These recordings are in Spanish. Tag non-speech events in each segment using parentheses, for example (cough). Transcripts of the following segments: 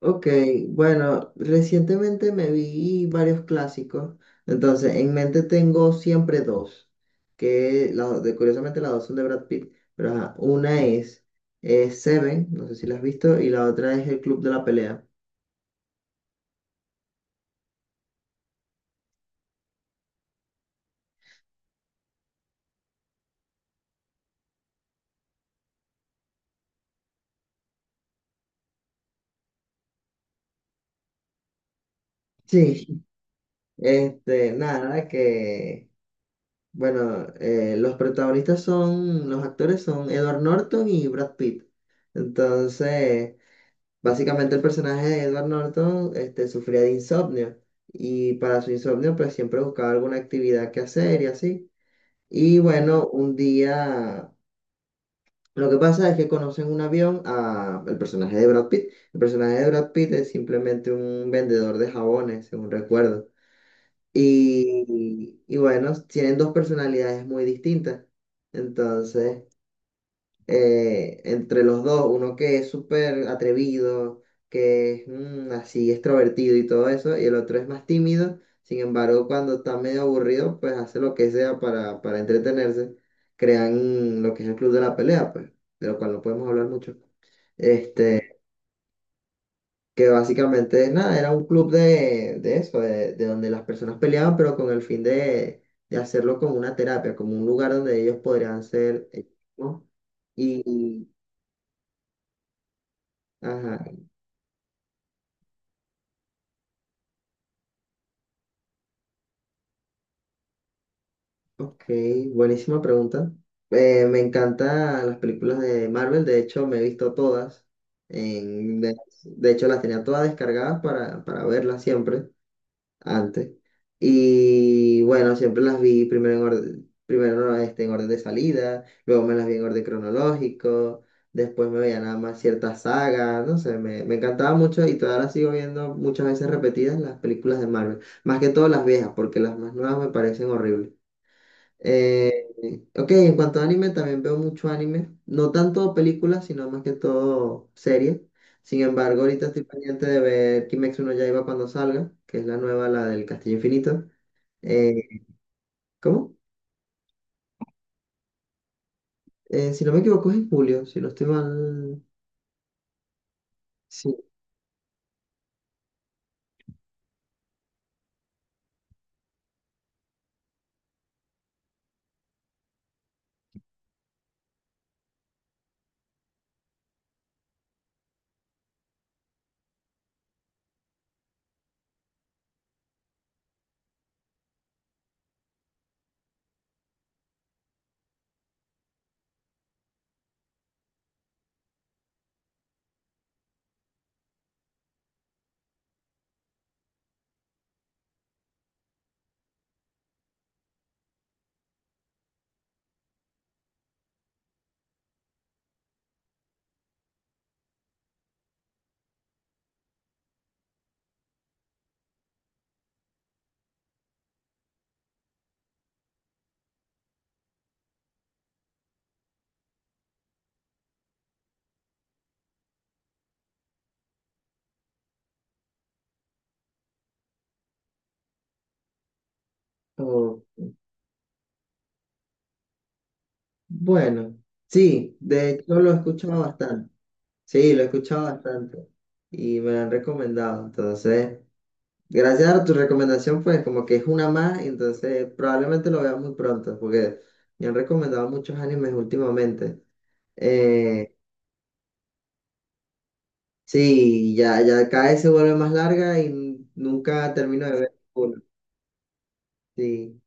Ok, bueno, recientemente me vi varios clásicos, entonces en mente tengo siempre dos, que curiosamente las dos son de Brad Pitt, pero ajá, una es, Seven, no sé si la has visto, y la otra es El Club de la Pelea. Sí, este, nada, que, bueno, los protagonistas son, los actores son Edward Norton y Brad Pitt, entonces... Básicamente el personaje de Edward Norton sufría de insomnio y para su insomnio pues siempre buscaba alguna actividad que hacer y así. Y bueno, un día lo que pasa es que conocen un avión a el personaje de Brad Pitt. El personaje de Brad Pitt es simplemente un vendedor de jabones, según recuerdo. Y bueno, tienen dos personalidades muy distintas. Entonces entre los dos, uno que es súper atrevido, que es así extrovertido y todo eso, y el otro es más tímido, sin embargo, cuando está medio aburrido, pues hace lo que sea para entretenerse, crean lo que es el club de la pelea, pues, de lo cual no podemos hablar mucho. Este, que básicamente, nada, era un club de de donde las personas peleaban, pero con el fin de hacerlo como una terapia, como un lugar donde ellos podrían ser, ellos mismos y, ajá. Ok, buenísima pregunta. Me encantan las películas de Marvel, de hecho me he visto todas. en- de, de hecho las tenía todas descargadas para verlas siempre antes. Y bueno, siempre las vi primero en orden, primero este, en orden de salida, luego me las vi en orden cronológico, después me veía nada más ciertas sagas, no sé, me encantaba mucho y todavía las sigo viendo muchas veces repetidas las películas de Marvel. Más que todo las viejas, porque las más nuevas me parecen horribles. Eh, ok, en cuanto a anime, también veo mucho anime. No tanto películas, sino más que todo series. Sin embargo, ahorita estoy pendiente de ver Kimetsu no Yaiba cuando salga, que es la nueva, la del Castillo Infinito. Eh, ¿Cómo? Si no me equivoco es en julio, si no estoy mal. Sí. o- Bueno, sí, de hecho lo he escuchado bastante. Sí, lo he escuchado bastante y me lo han recomendado. Entonces... Gracias a tu recomendación, pues como que es una más, entonces probablemente lo veas muy pronto, porque me han recomendado muchos animes últimamente. Eh, sí, ya cada vez se vuelve más larga y nunca termino de ver uno. Sí.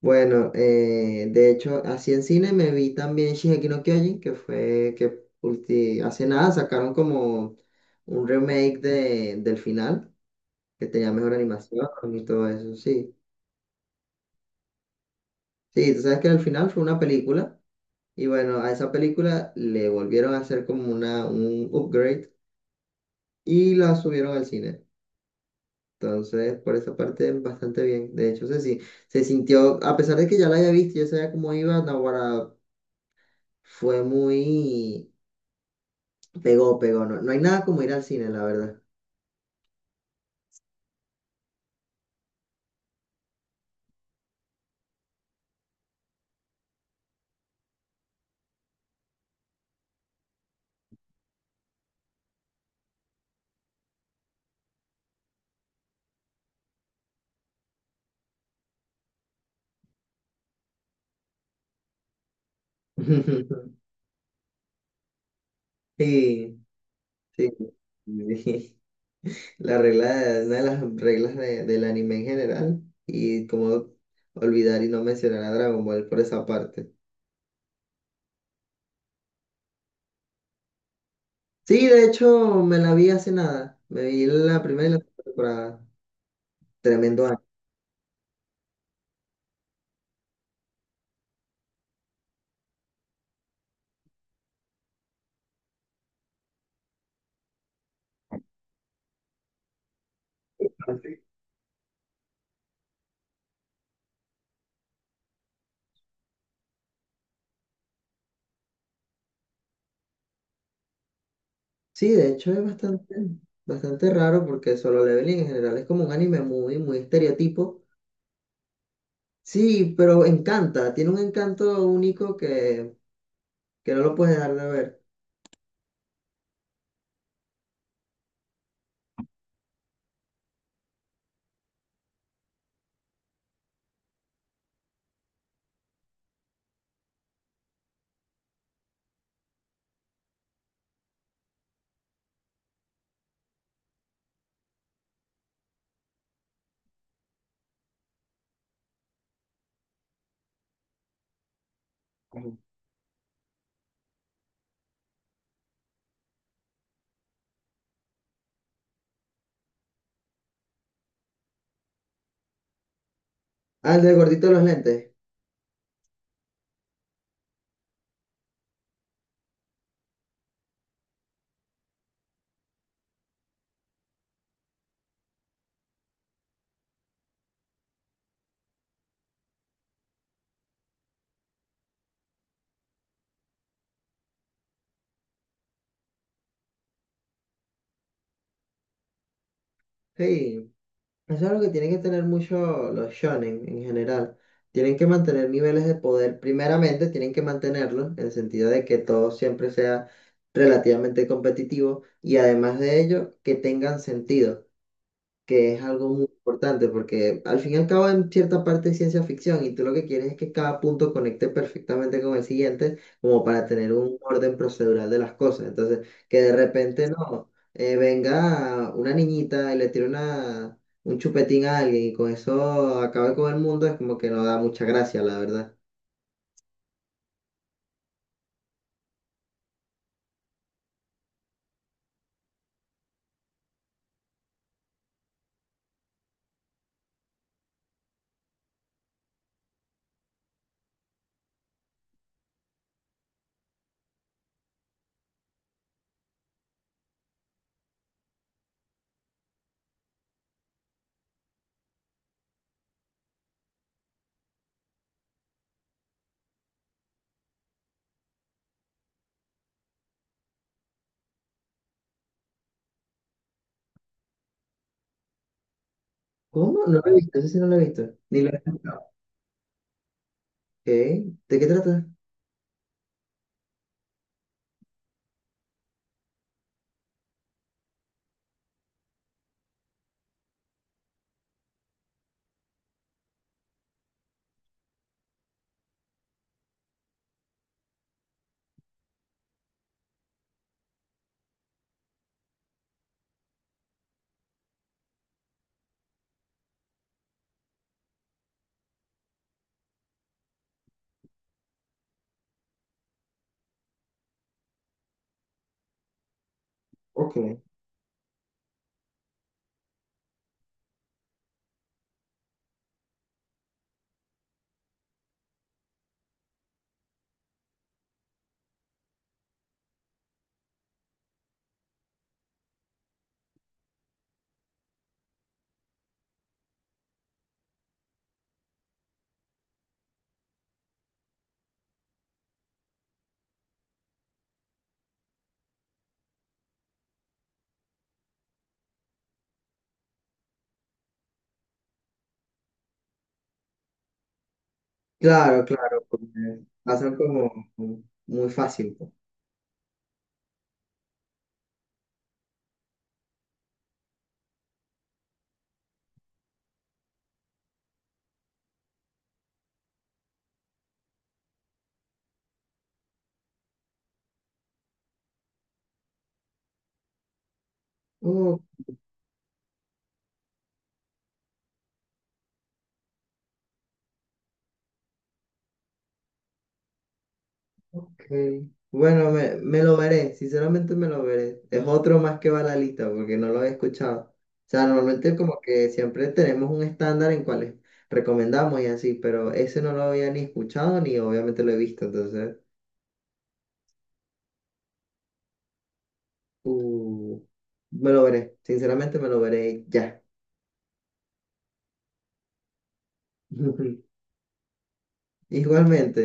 Bueno, de hecho, así en cine me vi también Shingeki no Kyojin, que fue que hace nada sacaron como un remake del final, que tenía mejor animación y todo eso, sí. Sí, tú sabes que el final fue una película. Y bueno, a esa película le volvieron a hacer como una, un upgrade y la subieron al cine. Entonces, por esa parte, bastante bien. De hecho, se, si- se sintió, a pesar de que ya la había visto, ya sabía cómo iba, Naguará fue muy... Pegó, pegó. No, no hay nada como ir al cine, la verdad. (laughs) Sí, sí. Sí. (laughs) La regla, una de las reglas del anime en general. Y como olvidar y no mencionar a Dragon Ball por esa parte. Sí, de hecho me la vi hace nada. Me vi la primera y la segunda temporada. Tremendo año. Ah, sí. Sí, de hecho es bastante, bastante raro porque Solo Leveling en general es como un anime muy estereotipo. Sí, pero encanta, tiene un encanto único que no lo puedes dejar de ver. Ujú. Ah, el del gordito de los lentes. Hey. Eso es lo que tienen que tener mucho los shonen en general. Tienen que mantener niveles de poder. Primeramente, tienen que mantenerlo en el sentido de que todo siempre sea relativamente competitivo y además de ello, que tengan sentido, que es algo muy importante porque al fin y al cabo en cierta parte es ciencia ficción y tú lo que quieres es que cada punto conecte perfectamente con el siguiente como para tener un orden procedural de las cosas. Entonces, que de repente no, venga una niñita y le tire una, un chupetín a alguien y con eso acabe con el mundo es como que no da mucha gracia, la verdad. ¿Cómo? No lo he visto, eso sí no lo he visto. Ni lo he escuchado. Ok, ¿de qué trata? Ok. Claro, claro, porque pasan como muy fácil, pues. Ok. Ok. Bueno, me lo veré, sinceramente me lo veré. Es otro más que va a la lista porque no lo he escuchado. O sea, normalmente como que siempre tenemos un estándar en cuáles recomendamos y así, pero ese no lo había ni escuchado ni obviamente lo he visto, entonces uh, me lo veré, sinceramente me lo veré ya. (laughs) Igualmente.